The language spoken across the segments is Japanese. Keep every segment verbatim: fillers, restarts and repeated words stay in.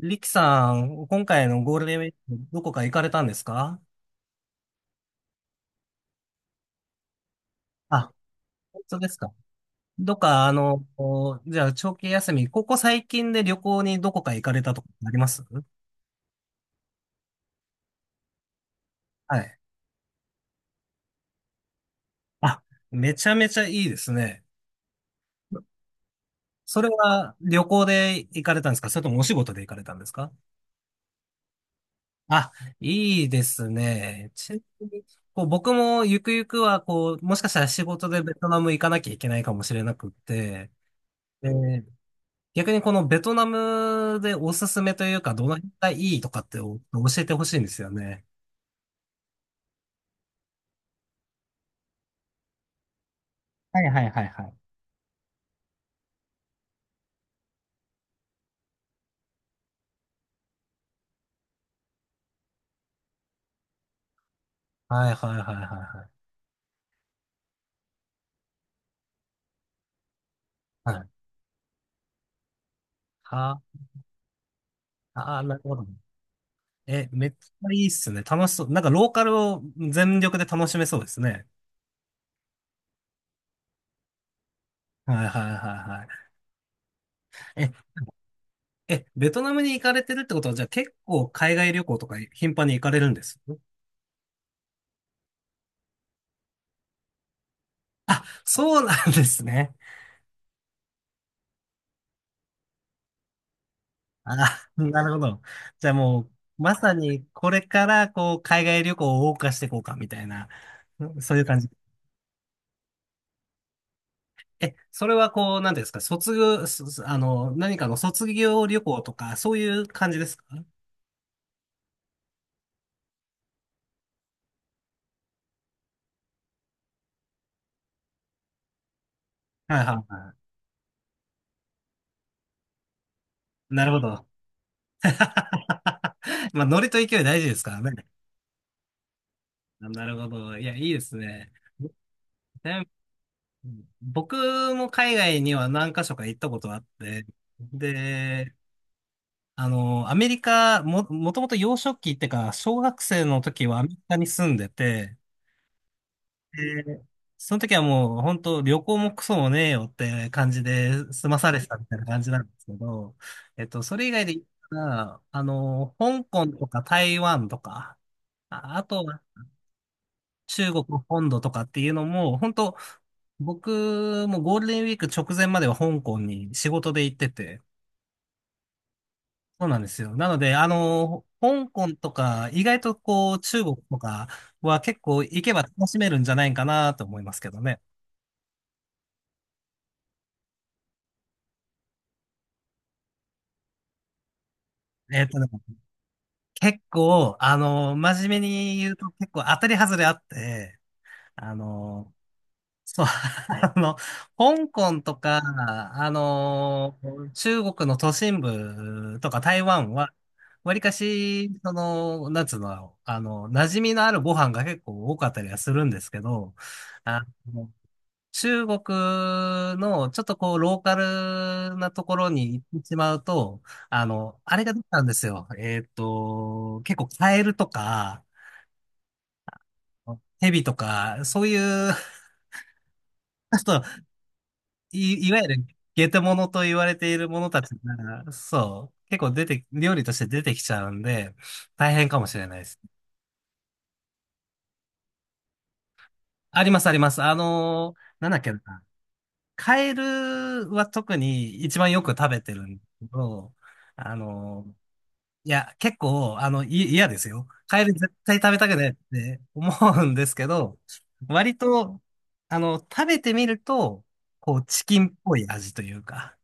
リキさん、今回のゴールデンウィーク、どこか行かれたんですか？あ、本当ですか。どっか、あの、こうじゃあ、長期休み、ここ最近で旅行にどこか行かれたとかあります？はい。あ、めちゃめちゃいいですね。それは旅行で行かれたんですか、それともお仕事で行かれたんですか？あ、いいですね。ちなみに、こう、僕もゆくゆくは、こう、もしかしたら仕事でベトナム行かなきゃいけないかもしれなくって、え逆にこのベトナムでおすすめというか、どの辺がいいとかってお教えてほしいんですよね。はいはいはいはい。はいはいはいはいはい。はい。はあ、あー、なるほど。え、めっちゃいいっすね。楽しそう。なんかローカルを全力で楽しめそうですね。はいはいはいはい。え、え、ベトナムに行かれてるってことは、じゃあ結構海外旅行とか頻繁に行かれるんです？あ、そうなんですね。ああ、なるほど。じゃあもう、まさにこれからこう、海外旅行を謳歌していこうか、みたいな、うんそういう感じ。え、それはこう、なんていうんですか、卒業、すあの、何かの卒業旅行とか、そういう感じですか？はいはいはい。なるほど。まあ、ノリと勢い大事ですからね。なるほど。いや、いいですね。ね、僕も海外には何か所か行ったことあって、で、あの、アメリカ、も、もともと幼少期ってか、小学生の時はアメリカに住んでて、でその時はもう本当旅行もクソもねえよって感じで済まされてたみたいな感じなんですけど、えっと、それ以外で言ったら、あの、香港とか台湾とか、あ、あとは中国本土とかっていうのも、本当僕もゴールデンウィーク直前までは香港に仕事で行ってて、そうなんですよ。なので、あの、香港とか、意外とこう、中国とかは結構行けば楽しめるんじゃないかなと思いますけどね。えっとね、結構、あの、真面目に言うと結構当たり外れあって、あの、そう、あの、香港とか、あの、中国の都心部とか台湾は、わりかし、その、なんつうの、あの、馴染みのあるご飯が結構多かったりはするんですけど、あの中国のちょっとこうローカルなところに行ってしまうと、あの、あれが出たんですよ。えっと、結構カエルとか、ヘビとか、そういう、ちょっとい、いわゆるゲテモノと言われているものたちが、そう、結構出て、料理として出てきちゃうんで、大変かもしれないです。ありますあります。あの、なんだっけな。カエルは特に一番よく食べてるんですけど、あの、いや、結構、あの、い嫌ですよ。カエル絶対食べたくないって思うんですけど、割と、あの、食べてみると、こう、チキンっぽい味というか、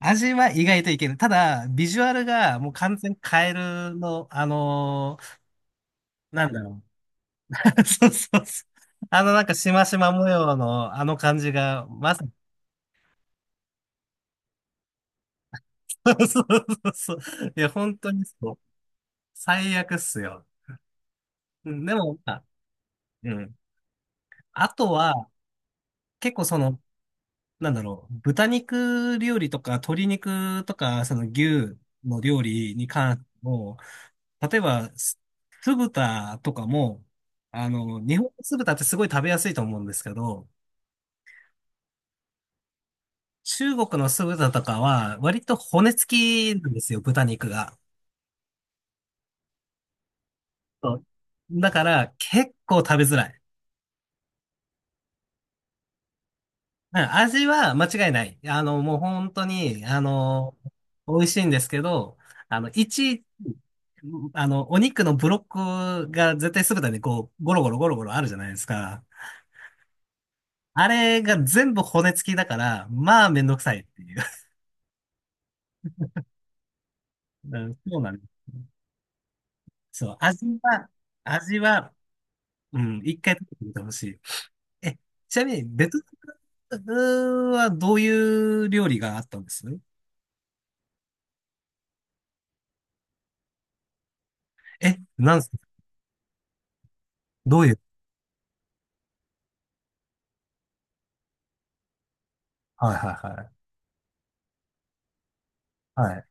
味は意外といける。ただ、ビジュアルがもう完全にカエルの、あのーなんだろう。そうそうそう。あの、なんか、しましま模様のあの感じが、まさに、そうそうそうそう。いや、本当にそう。最悪っすよ。うんでも、まあ、うん。あとは、結構その、なんだろう、豚肉料理とか鶏肉とか、その牛の料理に関しても、例えば、す酢豚とかも、あの、日本の酢豚ってすごい食べやすいと思うんですけど、中国の酢豚とかは割と骨付きなんですよ、豚肉が。そうだから結構食べづらい。うん味は間違いない。あの、もう本当に、あの、美味しいんですけど、あの、一、あの、お肉のブロックが絶対酢てでこう、ゴロゴロゴロゴロあるじゃないですか。あれが全部骨付きだから、まあめんどくさいっていう。うん、そうなんです。そう、味は、味は、うん、一回食べてみてほしい。え、ちなみに、ベトナムはどういう料理があったんです？え、なんですか？どういう？はいはいはい。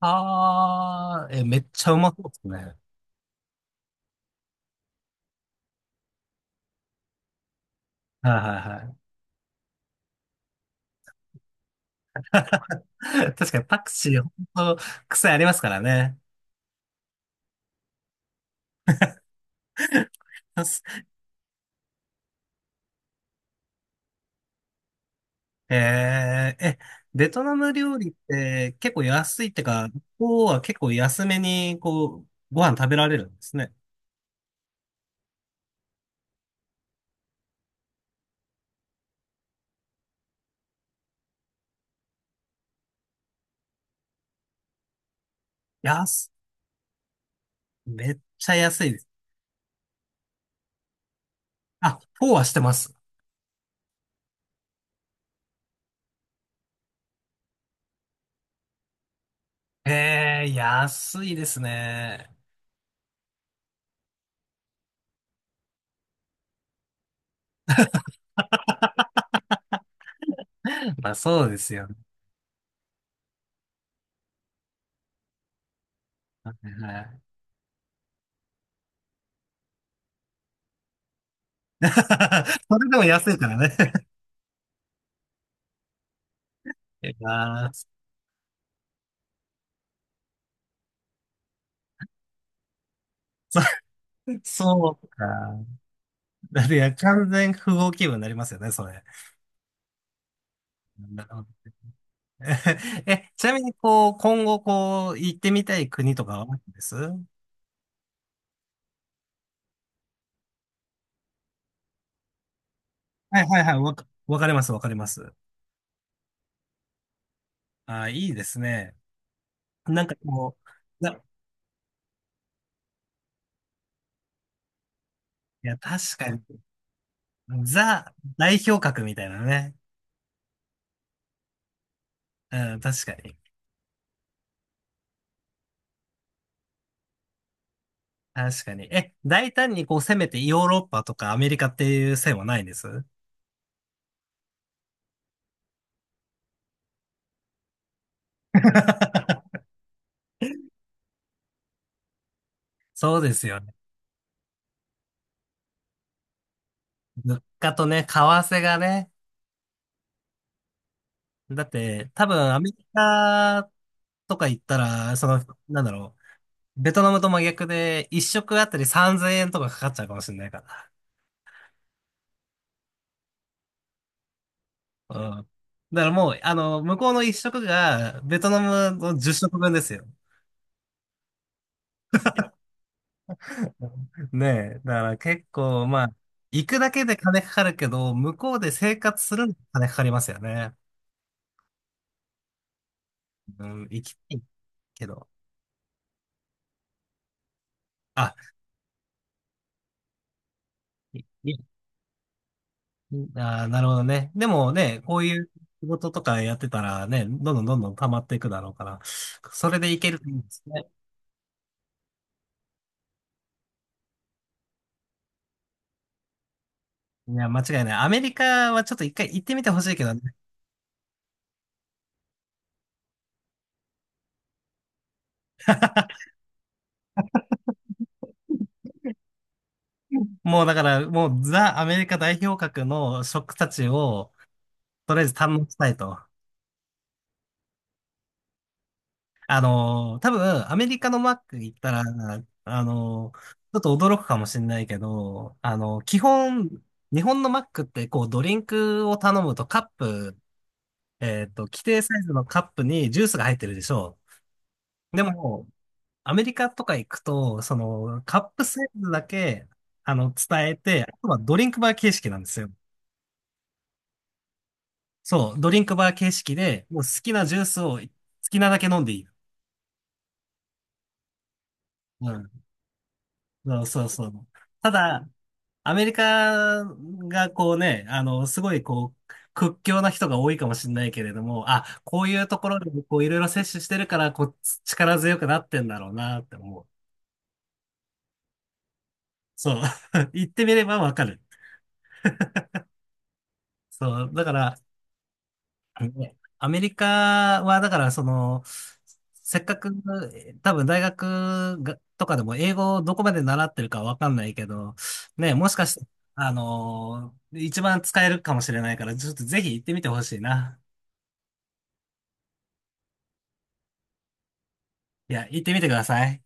あー、え、めっちゃうまそうですね。はいはいはい。確かにパクチー、ほんと、癖ありますからね。えー、え、ベトナム料理って結構安いってか、ここは結構安めに、こう、ご飯食べられるんですね。安、めっちゃ安いです。あ、フォーはしてます。えー、安いですね。まあそうですよね。はい それでも安いからね。いやーそうか。だっていや、完全不合気分になりますよね、それ。なるほど。 え、ちなみに、こう、今後、こう、行ってみたい国とかはあるんです？はいはいはい、わか、わかります、わかります。ああ、いいですね。なんかこう、な、いや、確かに、ザ代表格みたいなね。うん、確かに。確かに。え、大胆にこう攻めてヨーロッパとかアメリカっていう線はないんです？ そうですよね。物価とね、為替がね、だって、多分アメリカとか行ったら、その、なんだろう、ベトナムと真逆で、一食あたりさんぜんえんとかかかっちゃうかもしれないから。うん。だからもう、あの、向こうの一食が、ベトナムのじゅっ食分ですよ。ねえ。だから結構、まあ、行くだけで金かかるけど、向こうで生活するのに金かかりますよね。うん、行きたいけど。あ、ああー、なるほどね。でもね、こういう仕事とかやってたらね、どんどんどんどん溜まっていくだろうから、それでいけるといいんですね。いや、間違いない。アメリカはちょっと一回行ってみてほしいけどね。もうだから、もうザ・アメリカ代表格の食たちを、とりあえず堪能したいと。あのー、多分、アメリカのマック行ったら、あのー、ちょっと驚くかもしれないけど、あのー、基本、日本のマックってこうドリンクを頼むとカップえっと、規定サイズのカップにジュースが入ってるでしょう。でも、アメリカとか行くと、その、カップサイズだけ、あの、伝えて、あとはドリンクバー形式なんですよ。そう、ドリンクバー形式で、もう好きなジュースを好きなだけ飲んでいい。うん。そうそうそう。ただ、アメリカがこうね、あの、すごいこう、屈強な人が多いかもしれないけれども、あ、こういうところでこういろいろ摂取してるから、こう、力強くなってんだろうなって思う。そう。言ってみればわかる。そう。だから、ねアメリカは、だからその、せっかく、多分大学がとかでも英語をどこまで習ってるかわかんないけど、ね、もしかして、あのー一番使えるかもしれないから、ちょっとぜひ行ってみてほしいな。いや、行ってみてください。